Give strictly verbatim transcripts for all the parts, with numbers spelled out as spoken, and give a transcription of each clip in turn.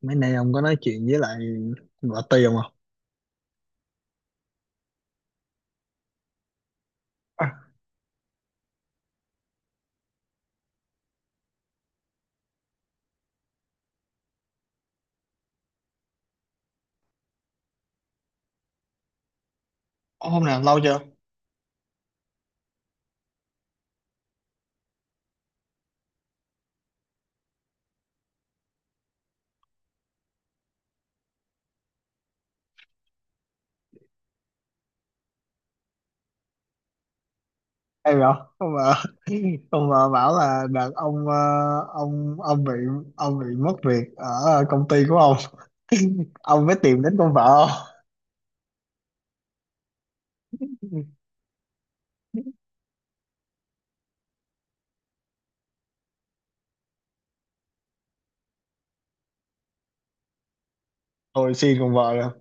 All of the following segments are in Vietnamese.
Mấy nay ông có nói chuyện với lại bà Tì không à? À, hôm nào lâu chưa? Hay rồi ông mà ông mà bảo là đợt ông ờ, ông ông bị ông bị mất việc ở công ty của ông ông mới tìm đến con vợ không. Tôi xin con vợ rồi,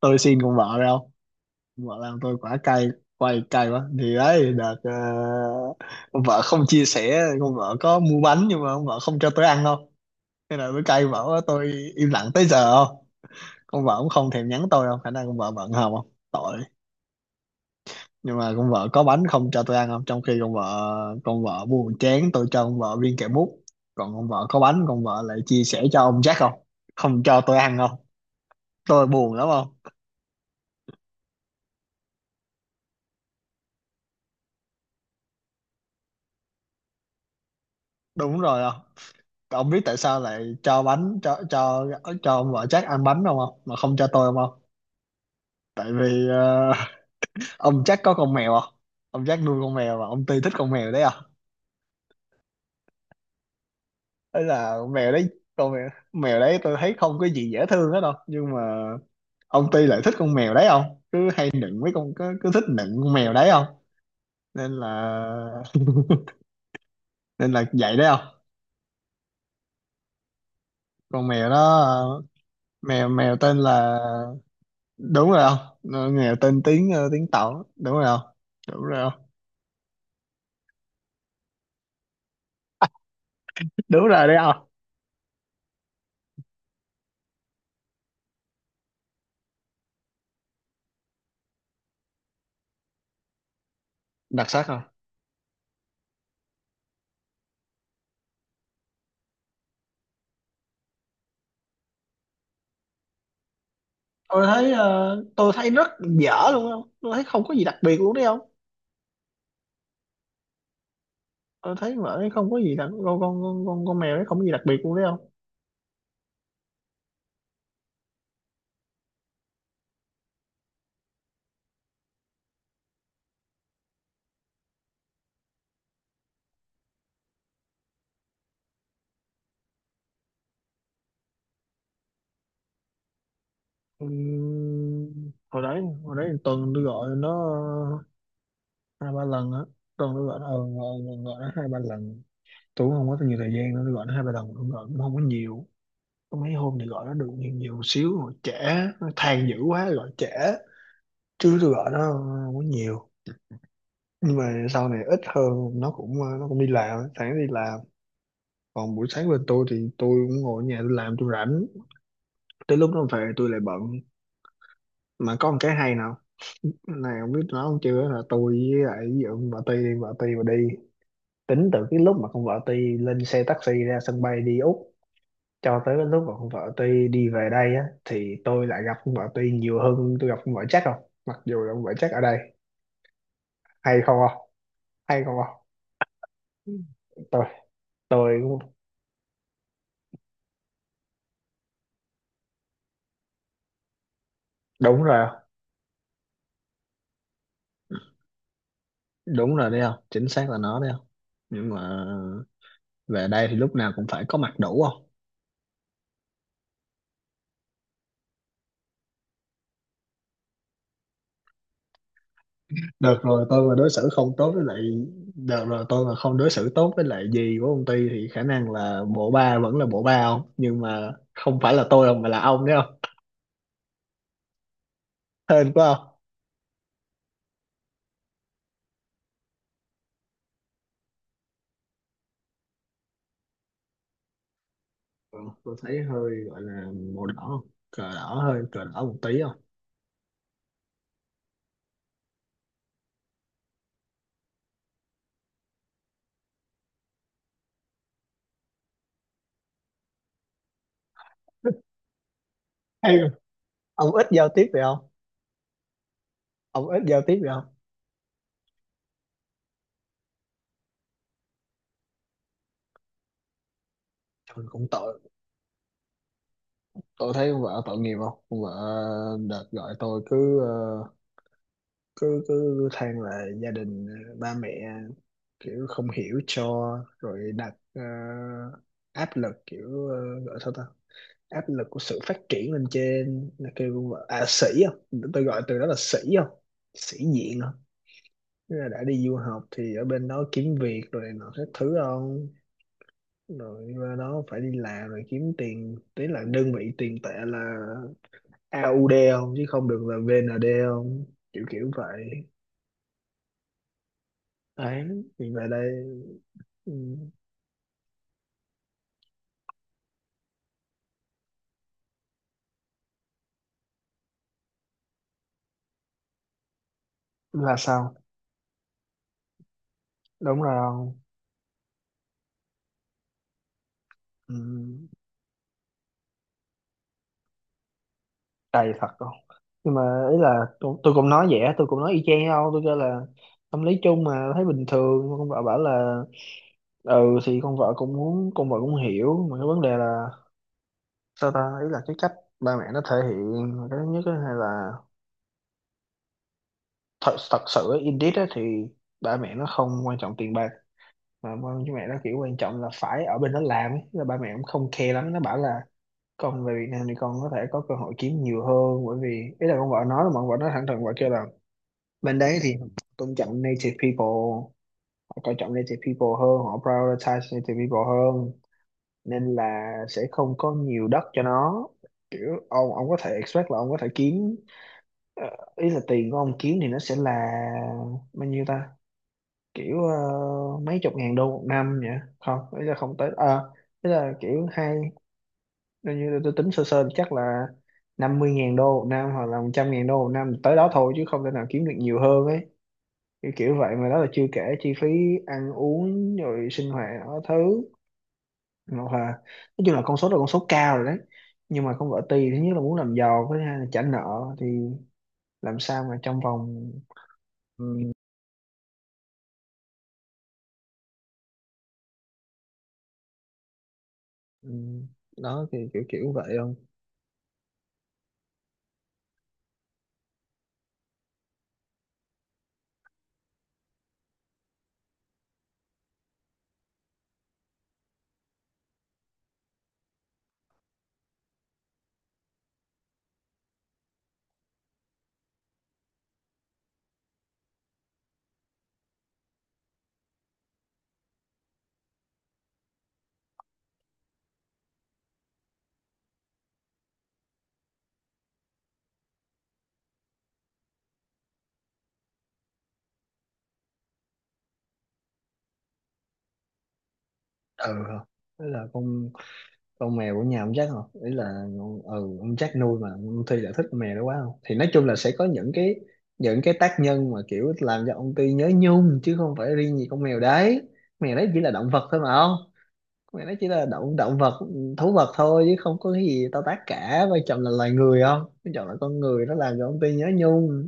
tôi xin con vợ rồi không. Con vợ làm tôi quả cay, quay cay quá. Thì đấy đợt ờ, con vợ không chia sẻ, con vợ có mua bánh nhưng mà con vợ không cho tôi ăn không. Thế là tôi cay vợ, tôi im lặng tới giờ không. Con vợ cũng không thèm nhắn tôi đâu, khả năng con vợ bận hòm không tội. Nhưng mà con vợ có bánh không cho tôi ăn không, trong khi con vợ, con vợ buồn chán tôi cho con vợ viên kẹo mút, còn con vợ có bánh con vợ lại chia sẻ cho ông Jack không, không cho tôi ăn không. Tôi buồn lắm không. Đúng rồi không. Ông biết tại sao lại cho bánh cho cho cho ông vợ Jack ăn bánh không không mà không cho tôi không không? Tại vì ờ, ông Jack có con mèo không, ông Jack nuôi con mèo và ông Ti thích con mèo đấy à, ấy là mèo đấy. Con mèo, mèo đấy tôi thấy không có gì dễ thương hết đâu, nhưng mà ông Ty lại thích con mèo đấy không, cứ hay nựng với con cứ, cứ thích nựng con mèo đấy không. Nên là nên là vậy đấy không. Con mèo đó ờ, mèo mèo tên là, đúng rồi không. Nó- mèo tên tiếng ờ, tiếng tàu, đúng rồi không. Đúng rồi không. Đúng rồi đấy không. Đặc sắc không. Tôi thấy ờ, tôi thấy rất dở luôn không, tôi thấy không có gì đặc biệt luôn đấy không. Tôi thấy mà ấy không có gì đặc con con con con, con mèo đấy không có gì đặc biệt luôn đấy không. Ừ, hồi đấy hồi đấy thì tuần tôi gọi nó ờ, hai ba lần á. Tuần tôi gọi nó, ừ, gọi, gọi, gọi nó hai ba lần, tôi cũng không có nhiều thời gian nữa, tôi gọi nó hai ba lần cũng gọi cũng không có nhiều. Có mấy hôm thì gọi nó được nhiều, nhiều một xíu rồi trễ, nó than dữ quá gọi trễ, chứ tôi gọi nó không có nhiều. Nhưng mà sau này ít hơn, nó cũng ờ, nó cũng đi làm sáng đi làm, còn buổi sáng bên tôi thì tôi cũng ngồi ở nhà tôi làm tôi rảnh, tới lúc nó về tôi lại bận. Mà có một cái hay nào này không biết nói không chưa, là tôi với lại ví dụ vợ Ti đi, vợ Ti mà đi, tính từ cái lúc mà con vợ Ti lên xe taxi ra sân bay đi Úc cho tới cái lúc mà con vợ Ti đi về đây á, thì tôi lại gặp con vợ Ti nhiều hơn tôi gặp con vợ chắc không, mặc dù là con vợ chắc ở đây. Hay không không, hay không không. Tôi tôi đúng rồi không? Đúng rồi đấy không, chính xác là nó đấy không. Nhưng mà về đây thì lúc nào cũng phải có mặt đủ không. Đợt rồi tôi mà đối xử không tốt với lại, đợt rồi tôi mà không đối xử tốt với lại gì của công ty thì khả năng là bộ ba vẫn là bộ ba không, nhưng mà không phải là tôi đâu mà là ông đấy không. Hên quá không. Ừ, tôi thấy hơi gọi là màu đỏ không, cờ đỏ hơi cờ đỏ một tí không. Hay rồi. Ông ít giao tiếp vậy không, ông ít giao tiếp vậy không. Trời, cũng tội, tôi thấy con vợ tội nghiệp không. Con vợ đợt gọi tôi cứ ờ, cứ cứ than là gia đình, ờ, ba mẹ kiểu không hiểu cho, rồi đặt ờ, áp lực kiểu uh, gọi sao ta, áp lực của sự phát triển lên trên là kêu con vợ- à sĩ không, tôi gọi từ đó là sĩ không, sĩ diện không. Tức là đã đi du học thì ở bên đó kiếm việc rồi này nọ các thứ không, rồi qua đó phải đi làm rồi kiếm tiền tí, là đơn vị tiền tệ là A U Đê không chứ không được là Vê En Đê không, kiểu kiểu vậy đấy. Thì về đây, ừ, là sao, đúng rồi không. Ừ, đầy thật không. Nhưng mà ý là tôi, tôi cũng nói vậy á, tôi cũng nói y chang đâu tôi kêu là tâm lý chung mà thấy bình thường. Con vợ bảo là ừ thì con vợ cũng muốn, con vợ cũng hiểu, mà cái vấn đề là sao ta, ý là cái cách ba mẹ nó thể hiện là cái thứ nhất á, hay là thật thật sự á, indeed á, thì ba mẹ nó không quan trọng tiền bạc, mà ba mẹ nó kiểu quan trọng là phải ở bên đó làm ấy. Là ba mẹ cũng không care lắm, nó bảo là còn về Việt Nam thì con có thể có cơ hội kiếm nhiều hơn, bởi vì ý là con vợ nói là, mà con vợ nói thẳng thừng vợ kêu là bên đấy thì họ tôn trọng native people, họ coi trọng native people hơn, họ prioritize native people hơn, nên là sẽ không có nhiều đất cho nó. Kiểu ông ông có thể expect là ông có thể kiếm ờ, ý là tiền của ông kiếm thì nó sẽ là bao nhiêu ta, kiểu ờ, mấy chục ngàn đô một năm nhỉ, không ý là không tới à, ý là kiểu hai. Nếu như tôi tính sơ sơ chắc là năm mươi ngàn đô một năm hoặc là một trăm ngàn đô một năm tới đó thôi, chứ không thể nào kiếm được nhiều hơn ấy, kiểu, kiểu vậy. Mà đó là chưa kể chi phí ăn uống rồi sinh hoạt đó thứ, hoặc là nói chung là con số đó là con số cao rồi đấy. Nhưng mà con vợ tì thứ nhất là muốn làm giàu, với thứ hai là trả nợ thì làm sao mà trong vòng, ừ, đó thì kiểu kiểu vậy không. Ừ, thế là con con mèo của nhà ông Jack không, ý là ông- ừ, ông Jack nuôi mà ông Ty lại thích con mèo đó quá không, thì nói chung là sẽ có những cái, những cái tác nhân mà kiểu làm cho ông Ty nhớ nhung, chứ không phải riêng gì con mèo đấy. Con mèo đấy chỉ là động vật thôi mà không, con mèo đấy chỉ là động động vật, thú vật thôi, chứ không có cái gì to tát cả. Vai chồng là loài người không, vai chồng là con người nó làm cho ông Ty nhớ nhung.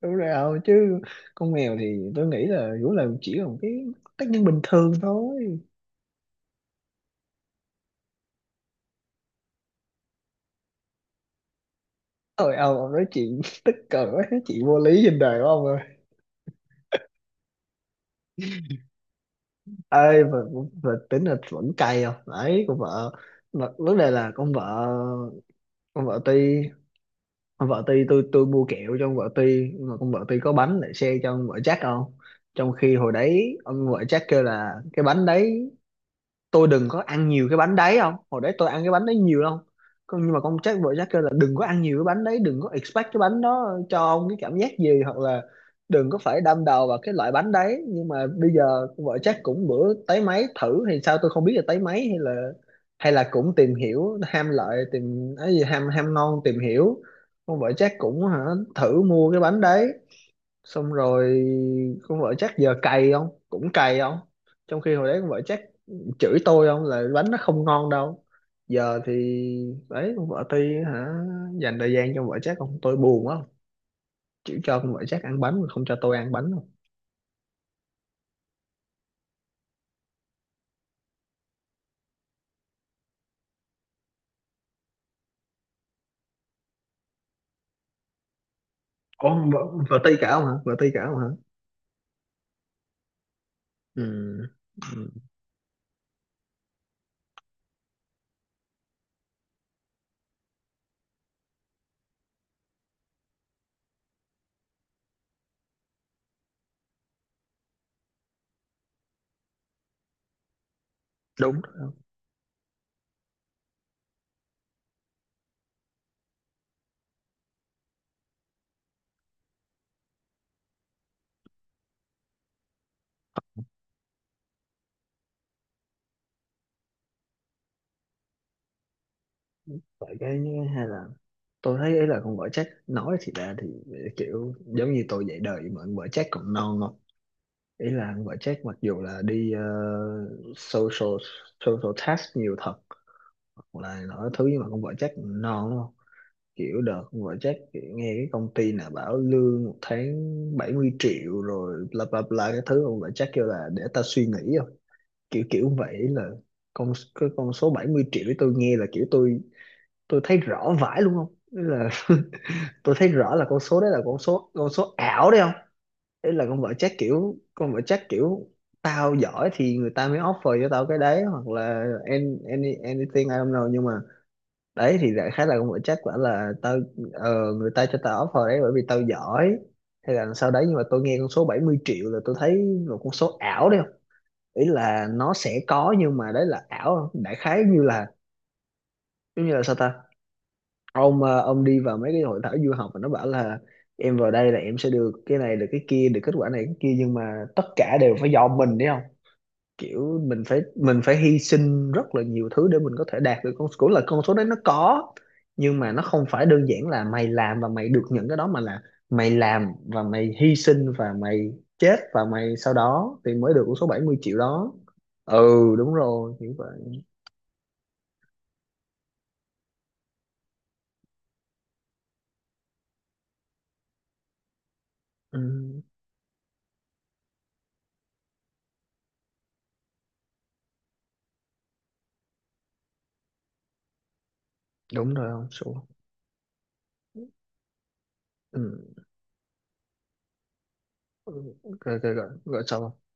Đúng rồi không, chứ con mèo thì tôi nghĩ là cũng là chỉ là một cái tác nhân bình thường thôi. Ôi ông, ông nói chuyện tức cười quá, nói chuyện vô lý trên đời của ông ơi. Ơi mà, mà tính là vẫn cay không đấy con vợ, mà vấn đề là con vợ, con vợ Ti, con vợ Ti tôi tôi mua kẹo cho con vợ Ti, mà con vợ Ti có bánh để share cho con vợ Jack không. Trong khi hồi đấy ông vợ Jack kêu là cái bánh đấy, tôi đừng có ăn nhiều cái bánh đấy không, hồi đấy tôi ăn cái bánh đấy nhiều lắm. Con nhưng mà con Jack vợ Jack kêu là đừng có ăn nhiều cái bánh đấy, đừng có expect cái bánh đó cho ông cái cảm giác gì, hoặc là đừng có phải đâm đầu vào cái loại bánh đấy. Nhưng mà bây giờ con vợ Jack cũng bữa tới máy thử thì sao, tôi không biết là tới máy hay là hay là cũng tìm hiểu ham lợi tìm ấy gì, ham ham ngon tìm hiểu, con vợ Jack cũng hả, thử mua cái bánh đấy, xong rồi con vợ chắc giờ cày không, cũng cày không. Trong khi hồi đấy con vợ chắc chửi tôi không, là bánh nó không ngon đâu. Giờ thì đấy, con vợ Ti hả dành thời gian cho con vợ chắc không, tôi buồn quá, chỉ cho con vợ chắc ăn bánh mà không cho tôi ăn bánh không. Ủa, con vợ, vợ Ti cả không hả, vợ Ti cả không hả. Ừ, ừ đúng vậy. Cái hay là tôi thấy ấy là con vợ chắc nói thì ra thì kiểu giống như tôi dạy đời, mà con vợ chắc còn non không. Ý là anh gọi check mặc dù là đi ờ, social, social task nhiều thật, hoặc là nói thứ, nhưng mà con vợ check non đúng không. Kiểu đợt con gọi check kiểu nghe cái công ty nào bảo lương một tháng bảy mươi triệu rồi bla bla bla cái thứ, con vợ check kêu là để ta suy nghĩ không, kiểu kiểu vậy. Là con cái con số bảy mươi triệu ấy tôi nghe là kiểu tôi tôi thấy rõ vãi luôn không. Ý là tôi thấy rõ là con số đấy là con số con số ảo đấy không. Ý là con vợ chắc kiểu, con vợ chắc kiểu tao giỏi thì người ta mới offer cho tao cái đấy, hoặc là any, any, anything I don't know, nhưng mà đấy thì đại khái là con vợ chắc quả là tao, ờ, người ta cho tao offer đấy bởi vì tao giỏi hay là sau đấy. Nhưng mà tôi nghe con số bảy mươi triệu là tôi thấy một con số ảo đấy không, ý là nó sẽ có nhưng mà đấy là ảo. Đại khái như là giống như là sao ta, ông ờ, ông đi vào mấy cái hội thảo du học mà nó bảo là em vào đây là em sẽ được cái này được cái kia được kết quả này cái kia, nhưng mà tất cả đều phải do mình đấy không. Kiểu mình phải mình phải hy sinh rất là nhiều thứ để mình có thể đạt được con cũng là con số đấy nó có, nhưng mà nó không phải đơn giản là mày làm và mày được nhận cái đó, mà là mày làm và mày hy sinh và mày chết và mày sau đó thì mới được con số bảy mươi triệu đó. Ừ đúng rồi như vậy. Ừ, đúng rồi không số. Ừ. rồi rồi rồi rồi sao không?